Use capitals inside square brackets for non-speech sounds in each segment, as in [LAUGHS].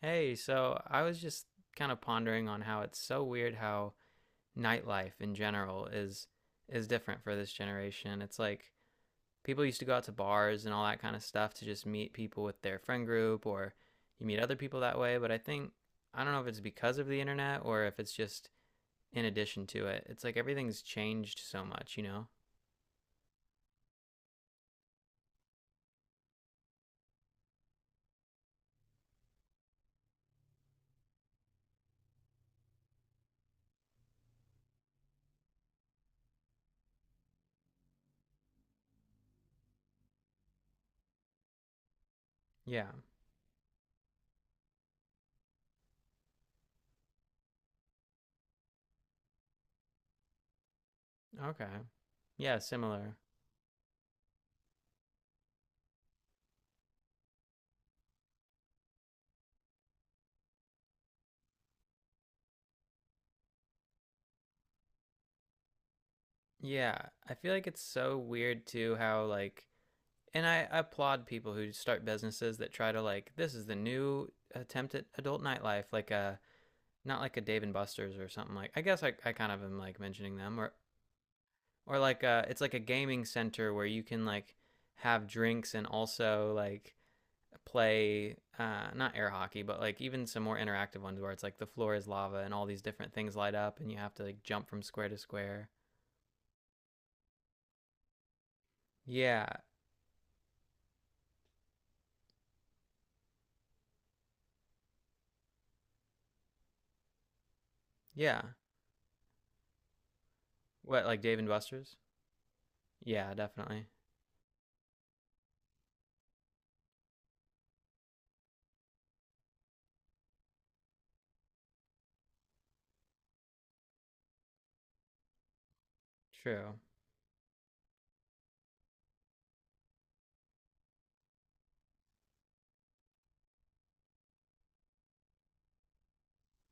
Hey, so I was just kind of pondering on how it's so weird how nightlife in general is different for this generation. It's like people used to go out to bars and all that kind of stuff to just meet people with their friend group or you meet other people that way, but I don't know if it's because of the internet or if it's just in addition to it. It's like everything's changed so much, Yeah. Okay. Yeah, similar. Yeah, I feel like it's so weird too how like and I applaud people who start businesses that try to like this is the new attempt at adult nightlife, like a not like a Dave and Buster's or something like. I guess I kind of am like mentioning them or like a, it's like a gaming center where you can like have drinks and also like play not air hockey but like even some more interactive ones where it's like the floor is lava and all these different things light up and you have to like jump from square to square, yeah. Yeah. What, like Dave and Buster's? Yeah, definitely. True.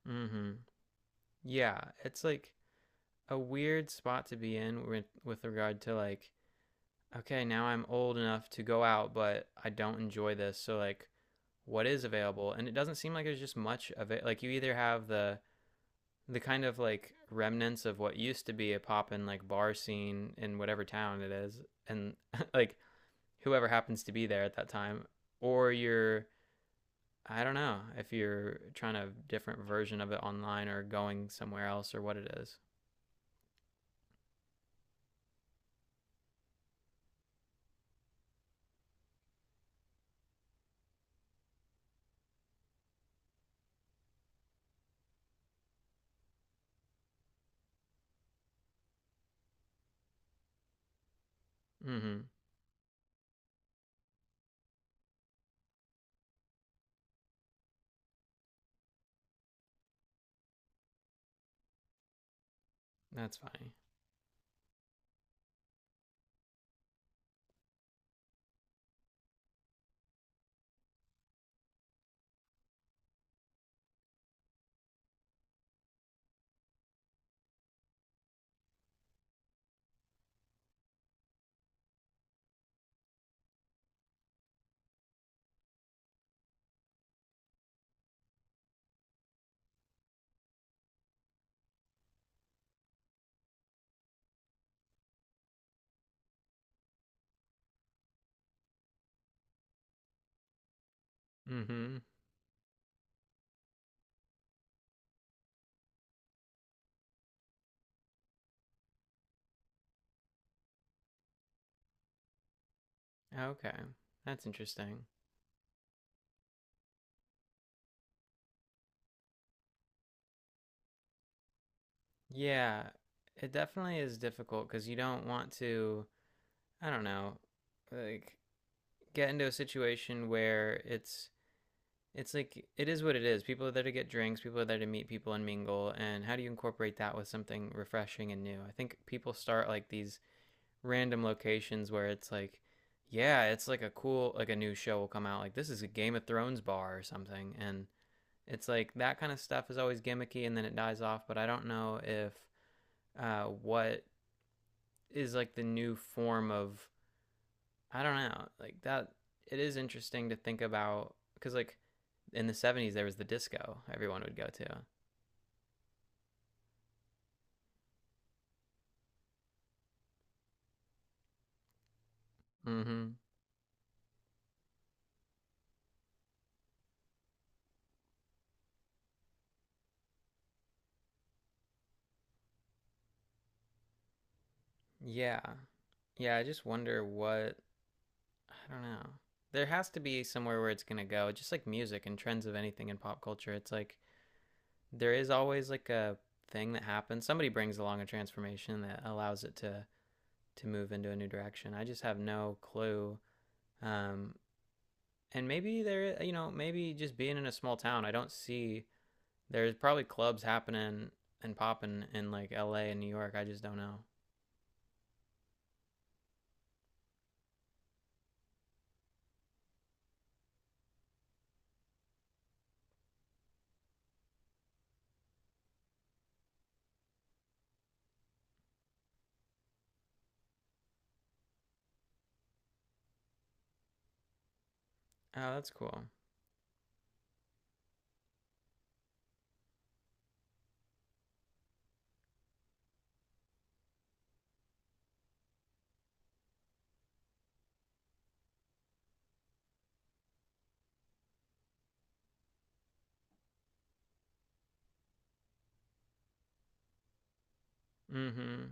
Mm-hmm. Yeah, it's like a weird spot to be in with, regard to like, okay, now I'm old enough to go out, but I don't enjoy this. So like, what is available? And it doesn't seem like there's just much of it. Like you either have the kind of like remnants of what used to be a poppin' like bar scene in whatever town it is, and [LAUGHS] like whoever happens to be there at that time, or you're I don't know if you're trying a different version of it online or going somewhere else or what it is. Mm-hmm. That's funny. Mm-hmm. Okay. That's interesting. Yeah, it definitely is difficult because you don't want to, I don't know, like get into a situation where it's like it is what it is. People are there to get drinks, people are there to meet people and mingle, and how do you incorporate that with something refreshing and new? I think people start like these random locations where it's like yeah, it's like a cool like a new show will come out like this is a Game of Thrones bar or something. And it's like that kind of stuff is always gimmicky and then it dies off. But I don't know if what is like the new form of I don't know like that. It is interesting to think about because like in the 70s there was the disco everyone would go to. Mm-hmm. Yeah, yeah. I just wonder what I don't know. There has to be somewhere where it's gonna go. Just like music and trends of anything in pop culture, it's like there is always like a thing that happens. Somebody brings along a transformation that allows it to move into a new direction. I just have no clue. Um, and maybe there, you know, maybe just being in a small town, I don't see there's probably clubs happening and popping in like LA and New York. I just don't know. Oh, that's cool. Mm-hmm.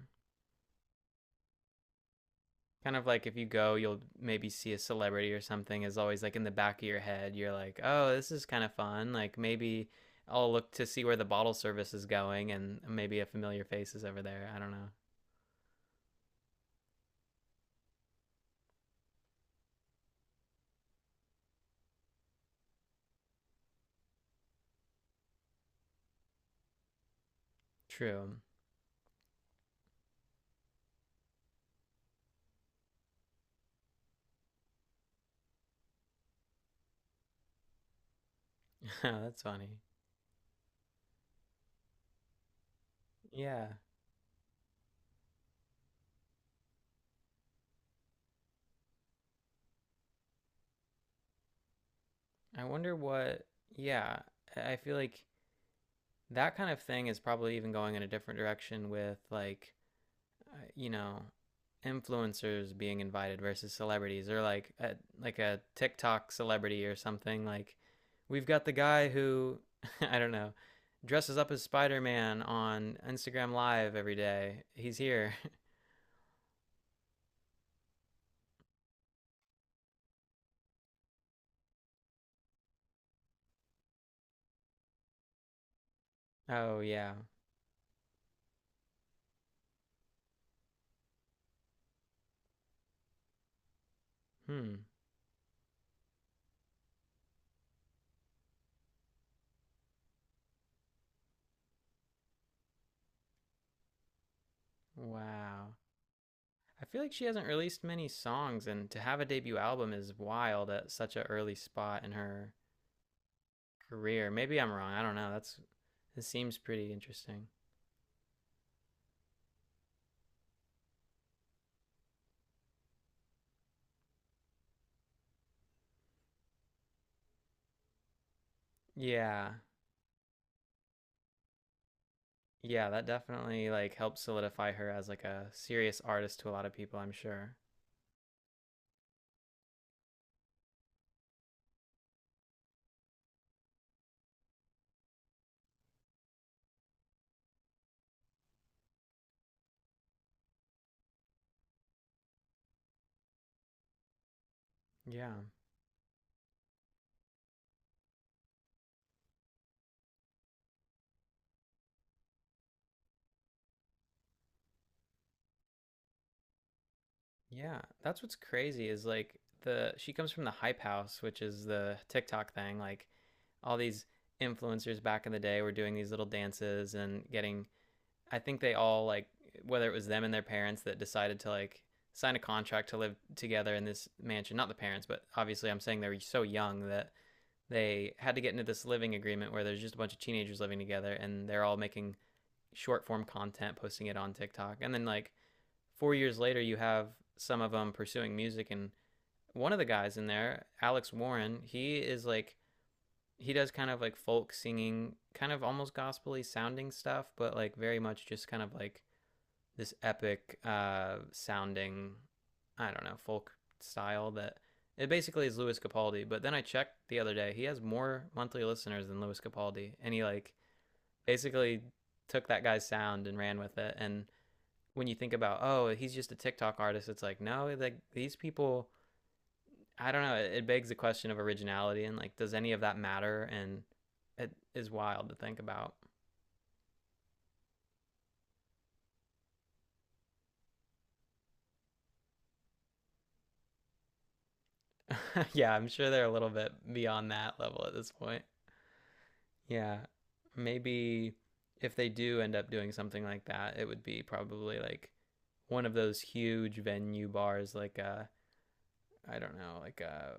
Kind of like if you go, you'll maybe see a celebrity or something is always like in the back of your head. You're like, oh, this is kind of fun. Like maybe I'll look to see where the bottle service is going and maybe a familiar face is over there. I don't know. True. [LAUGHS] That's funny. Yeah. I wonder what, yeah, I feel like that kind of thing is probably even going in a different direction with like, you know, influencers being invited versus celebrities or like a TikTok celebrity or something like we've got the guy who [LAUGHS] I don't know dresses up as Spider-Man on Instagram live every day. He's here. [LAUGHS] Oh yeah. Hmm. Wow. I feel like she hasn't released many songs, and to have a debut album is wild at such an early spot in her career. Maybe I'm wrong. I don't know. That's it seems pretty interesting. Yeah. Yeah, that definitely like helped solidify her as like a serious artist to a lot of people, I'm sure. Yeah. Yeah. That's what's crazy is like the she comes from the hype house, which is the TikTok thing. Like all these influencers back in the day were doing these little dances and getting I think they all like whether it was them and their parents that decided to like sign a contract to live together in this mansion. Not the parents, but obviously I'm saying they were so young that they had to get into this living agreement where there's just a bunch of teenagers living together and they're all making short form content, posting it on TikTok. And then like 4 years later you have some of them pursuing music and one of the guys in there, Alex Warren, he is like he does kind of like folk singing, kind of almost gospely sounding stuff, but like very much just kind of like this epic sounding, I don't know, folk style that it basically is Louis Capaldi. But then I checked the other day, he has more monthly listeners than Louis Capaldi, and he like basically took that guy's sound and ran with it. And when you think about, oh, he's just a TikTok artist, it's like no, like these people. I don't know. It begs the question of originality and like, does any of that matter? And it is wild to think about. [LAUGHS] Yeah, I'm sure they're a little bit beyond that level at this point. Yeah. Maybe if they do end up doing something like that, it would be probably like one of those huge venue bars, like a I don't know, like a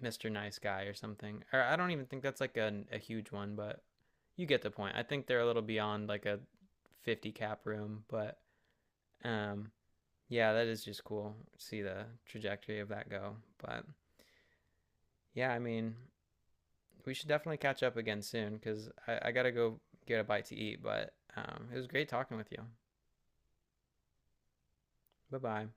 Mr. Nice Guy or something. Or I don't even think that's like a huge one, but you get the point. I think they're a little beyond like a 50 cap room, but um, yeah, that is just cool. to See the trajectory of that go. But yeah, I mean, we should definitely catch up again soon because I gotta go get a bite to eat. But it was great talking with you. Bye bye.